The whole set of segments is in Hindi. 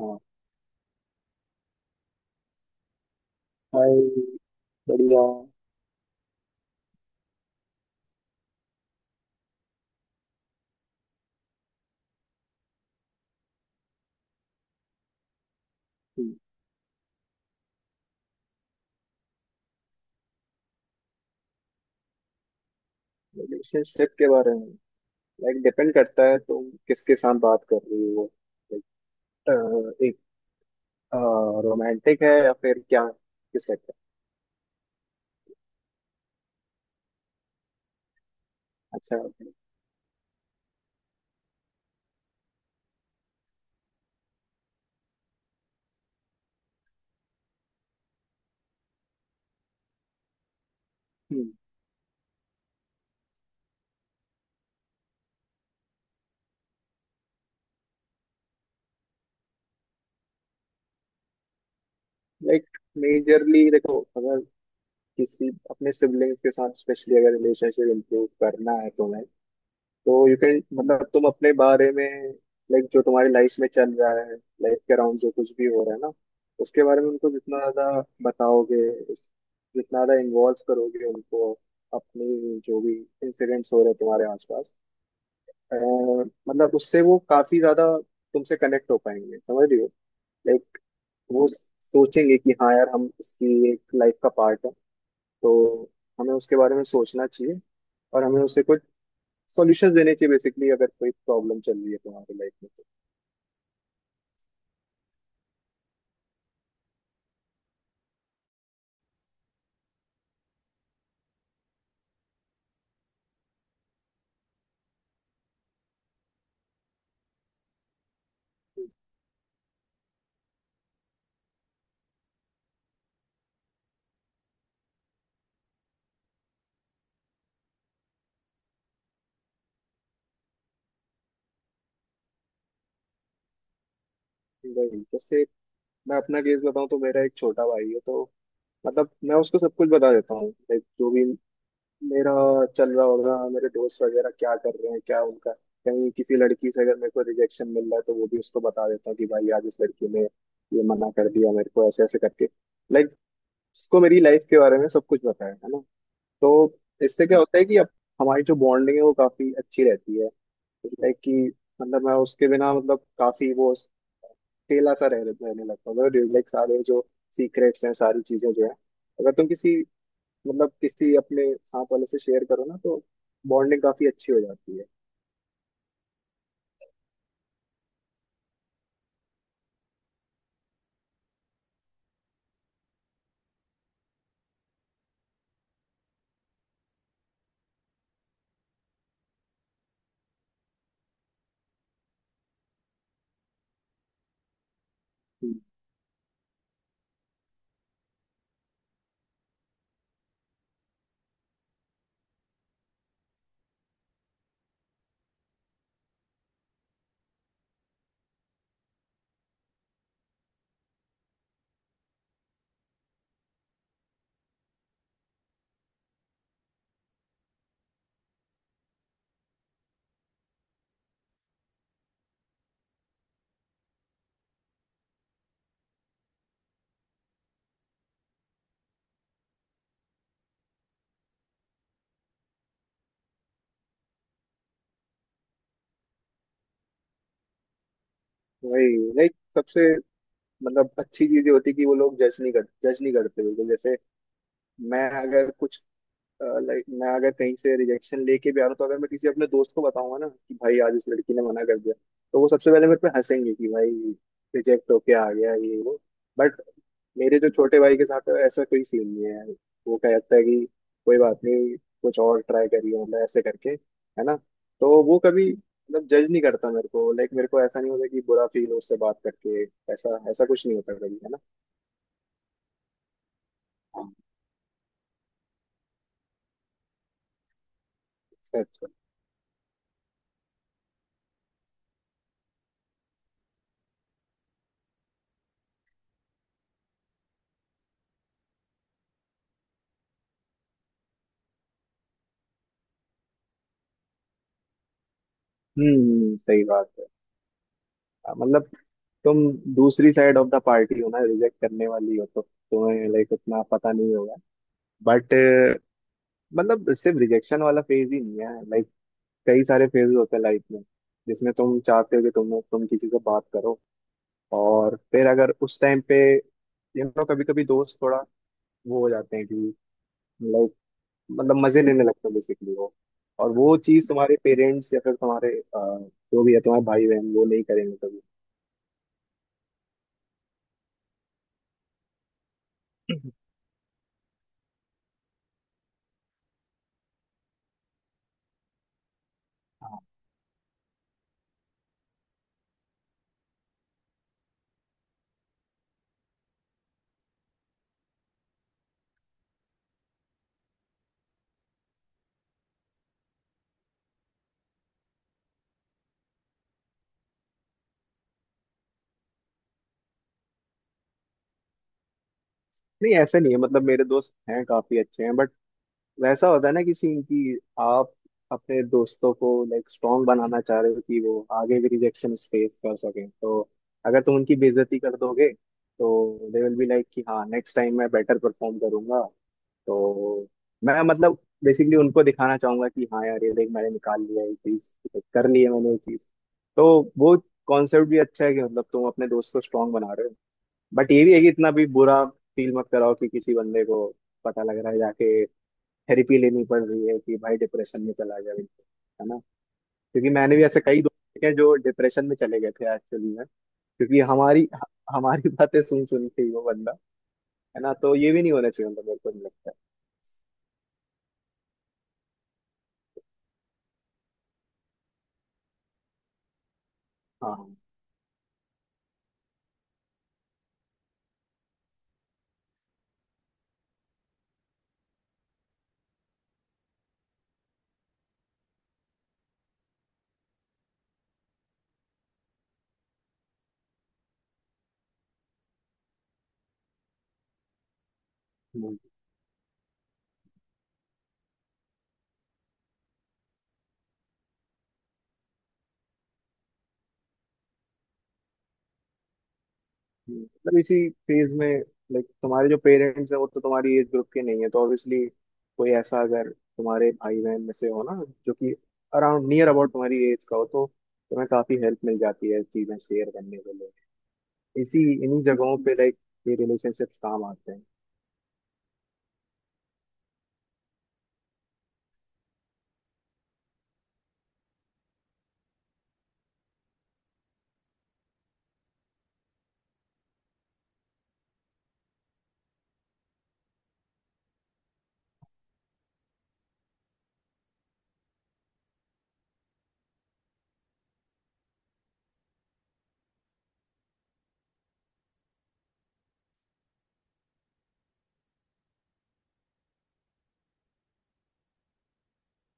हाँ। भाई। बढ़िया। रिलेशनशिप के बारे में? लाइक डिपेंड करता है तुम किसके साथ बात कर रही हो। लाइक एक रोमांटिक है या फिर क्या? किस टाइप का? अच्छा। लाइक मेजरली देखो, अगर किसी अपने सिबलिंग्स के साथ स्पेशली अगर रिलेशनशिप इम्प्रूव करना है तुम्हें, तो यू कैन, मतलब तुम अपने बारे में, लाइक जो तुम्हारी लाइफ में चल रहा है, लाइफ के अराउंड जो कुछ भी हो रहा है ना, उसके बारे में उनको जितना ज्यादा बताओगे, उस- जितना ज्यादा इन्वॉल्व करोगे उनको, अपनी जो भी इंसिडेंट्स हो रहे हैं तुम्हारे आसपास, अ, मतलब उससे वो काफी ज्यादा तुमसे कनेक्ट हो पाएंगे। समझ रही हो? लाइक वो सोचेंगे कि हाँ यार, हम इसकी एक लाइफ का पार्ट है, तो हमें उसके बारे में सोचना चाहिए, और हमें उससे कुछ सॉल्यूशंस देने चाहिए बेसिकली, अगर कोई प्रॉब्लम चल रही है तुम्हारी लाइफ में। तो वही, जैसे मैं अपना केस बताऊं, तो मेरा एक छोटा भाई है, तो मतलब मैं उसको सब कुछ बता देता हूँ, लाइक जो भी मेरा चल रहा होगा, मेरे दोस्त वगैरह क्या कर रहे हैं, क्या उनका, कहीं किसी लड़की से अगर मेरे को रिजेक्शन मिल रहा है, तो वो भी उसको बता देता हूँ कि भाई आज इस लड़की ने ये मना कर दिया मेरे को, ऐसे ऐसे करके। लाइक उसको मेरी लाइफ के बारे में सब कुछ बताया है ना। तो इससे क्या होता है कि अब हमारी जो बॉन्डिंग है वो काफी अच्छी रहती है। लाइक कि, मतलब मैं उसके बिना, मतलब काफी वो अकेला सा रह रहने लगता था। लाइक सारे जो सीक्रेट्स हैं, सारी चीजें जो है, अगर तुम किसी, मतलब किसी अपने साथ वाले से शेयर करो ना, तो बॉन्डिंग काफी अच्छी हो जाती है। हम्म। वही, लाइक सबसे, मतलब अच्छी चीज ये होती है कि वो लोग जज नहीं करते बिल्कुल। जैसे मैं अगर कुछ, लाइक मैं अगर कहीं से रिजेक्शन लेके भी आ रहा हूँ, तो अगर मैं किसी अपने दोस्त को बताऊंगा ना कि भाई आज इस लड़की ने मना कर दिया, तो वो सबसे पहले मेरे पे हंसेंगे कि भाई रिजेक्ट होके आ गया, ये वो। बट मेरे जो छोटे भाई के साथ है ऐसा कोई सीन नहीं है यार। वो कहता है कि कोई बात नहीं, कुछ और ट्राई करिए, मतलब ऐसे करके, है ना। तो वो कभी, मतलब जज नहीं करता मेरे को। लाइक मेरे को ऐसा नहीं होता कि बुरा फील हो उससे बात करके। ऐसा ऐसा कुछ नहीं होता कभी, है ना। अच्छा अच्छा। सही बात है। मतलब तुम दूसरी साइड ऑफ द पार्टी हो ना, रिजेक्ट करने वाली हो, तो तुम्हें लाइक उतना पता नहीं होगा। बट मतलब सिर्फ रिजेक्शन वाला फेज ही नहीं है, लाइक कई सारे फेज होते हैं लाइफ में, जिसमें तुम चाहते हो कि तुम किसी से बात करो। और फिर अगर उस टाइम पे, कभी कभी दोस्त थोड़ा वो हो जाते हैं कि, लाइक मतलब मजे लेने लगते हैं बेसिकली वो। और वो चीज तुम्हारे पेरेंट्स या फिर तुम्हारे जो भी है तुम्हारे भाई बहन, वो नहीं करेंगे कभी। नहीं, ऐसे नहीं है, मतलब मेरे दोस्त हैं काफी अच्छे हैं, बट वैसा होता है ना कि सीन की आप अपने दोस्तों को लाइक स्ट्रांग बनाना चाह रहे हो कि वो आगे भी रिजेक्शन फेस कर सकें। तो अगर तुम उनकी बेइज्जती कर दोगे, तो दे विल बी लाइक कि हाँ नेक्स्ट टाइम मैं बेटर परफॉर्म करूंगा। तो मैं मतलब बेसिकली उनको दिखाना चाहूंगा कि हाँ यार ये देख मैंने निकाल लिया ये चीज, कर ली है मैंने ये चीज। तो वो कॉन्सेप्ट भी अच्छा है कि, मतलब तुम अपने दोस्त को स्ट्रांग बना रहे हो, बट ये भी है कि इतना भी बुरा फील मत कराओ कि किसी बंदे को पता लग रहा है जाके थेरेपी लेनी पड़ रही है, कि भाई डिप्रेशन में चला गया बिल्कुल, है ना। क्योंकि मैंने भी ऐसे कई दोस्त देखे हैं जो डिप्रेशन में चले गए थे एक्चुअली में, क्योंकि हमारी हमारी बातें सुन सुन के ही वो बंदा, है ना। तो ये भी नहीं होना चाहिए, मतलब मेरे को नहीं लगता। हाँ हाँ। मतलब इसी फेज में लाइक, तुम्हारे जो पेरेंट्स हैं, वो तो तुम्हारी एज ग्रुप के नहीं है, तो ऑब्वियसली कोई ऐसा अगर तुम्हारे भाई बहन में से हो ना, जो कि अराउंड नियर अबाउट तुम्हारी एज का हो, तो तुम्हें काफी हेल्प मिल जाती है चीजें शेयर करने के लिए। इसी इन्हीं जगहों पे लाइक ये रिलेशनशिप्स काम आते हैं।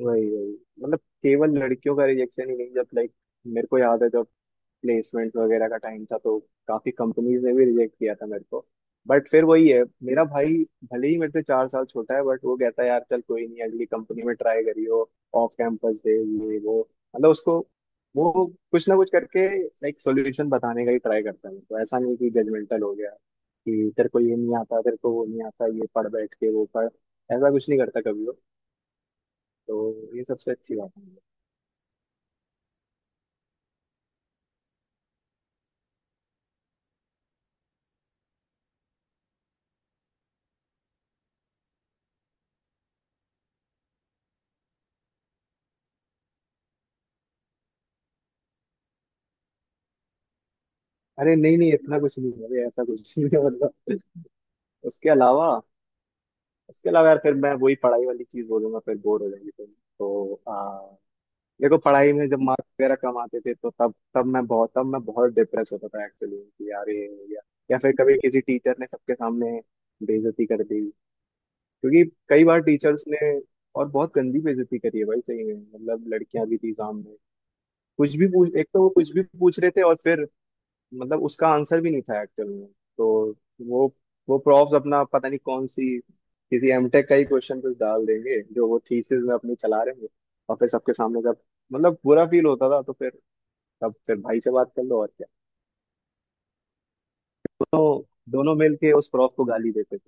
वही वही, मतलब केवल लड़कियों का रिजेक्शन ही नहीं। जब लाइक मेरे को याद है, जब प्लेसमेंट वगैरह का टाइम था, तो काफी कंपनीज ने भी रिजेक्ट किया था मेरे को। बट फिर वही है, मेरा भाई भले ही मेरे से 4 साल छोटा है, बट वो कहता है यार चल कोई नहीं, अगली कंपनी में ट्राई करियो, ऑफ कैंपस दे, ये वो, मतलब उसको, वो कुछ ना कुछ करके एक सोल्यूशन बताने का ही ट्राई करता है। तो ऐसा नहीं कि जजमेंटल हो गया कि तेरे को ये नहीं आता, तेरे को वो नहीं आता, ये पढ़ बैठ के वो पढ़। ऐसा कुछ नहीं करता कभी वो। तो ये सबसे अच्छी बात है। अरे नहीं नहीं, इतना कुछ नहीं है, अरे ऐसा कुछ नहीं है, मतलब। उसके अलावा। उसके अलावा यार फिर मैं वही पढ़ाई वाली चीज बोलूंगा, फिर बोर हो जाएंगे तुम। तो देखो, पढ़ाई में जब मार्क्स वगैरह कम आते थे, तो तब तब मैं बहुत डिप्रेस होता था एक्चुअली, कि यार ये हो गया। या फिर कभी किसी टीचर ने सबके सामने बेइज्जती कर दी। क्योंकि कई बार टीचर्स ने, और बहुत गंदी बेइज्जती करी है भाई, सही में, मतलब लड़कियां भी थी सामने। कुछ भी पूछ एक तो वो कुछ भी पूछ रहे थे, और फिर मतलब उसका आंसर भी नहीं था एक्चुअल में। तो वो वो प्रॉफ्स अपना पता नहीं कौन सी, किसी एमटेक का ही क्वेश्चन कुछ डाल देंगे जो वो थीसिस में अपनी चला रहे हैं। और फिर सबके सामने जब, मतलब बुरा फील होता था, तो फिर तब फिर भाई से बात कर लो और क्या। तो दोनों मिल के उस प्रॉफ को गाली देते थे।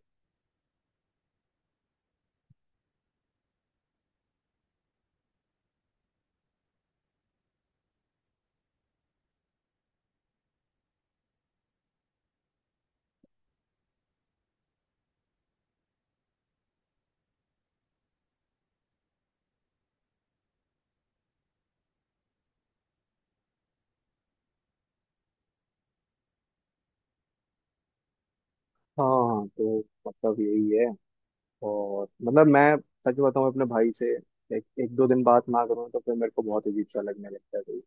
हाँ। तो मतलब यही है। और मतलब मैं सच बताऊं, अपने भाई से एक दो दिन बात ना करूं तो फिर मेरे को बहुत अजीब सा लगने लगता है भाई।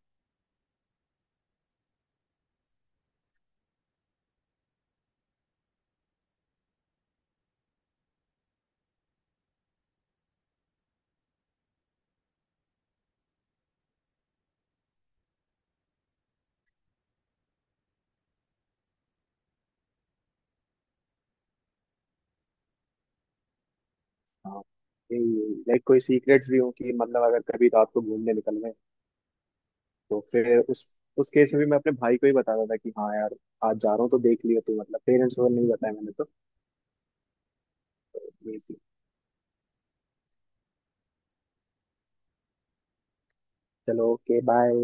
हाँ। लाइक कोई सीक्रेट्स भी हो कि, मतलब अगर कभी रात को घूमने निकल गए, तो फिर उस केस में भी मैं अपने भाई को ही बता रहा था कि हाँ यार आज जा रहा हूँ, तो देख लियो तू, मतलब पेरेंट्स को नहीं बताया मैंने तो। तो ये सी चलो, ओके, बाय।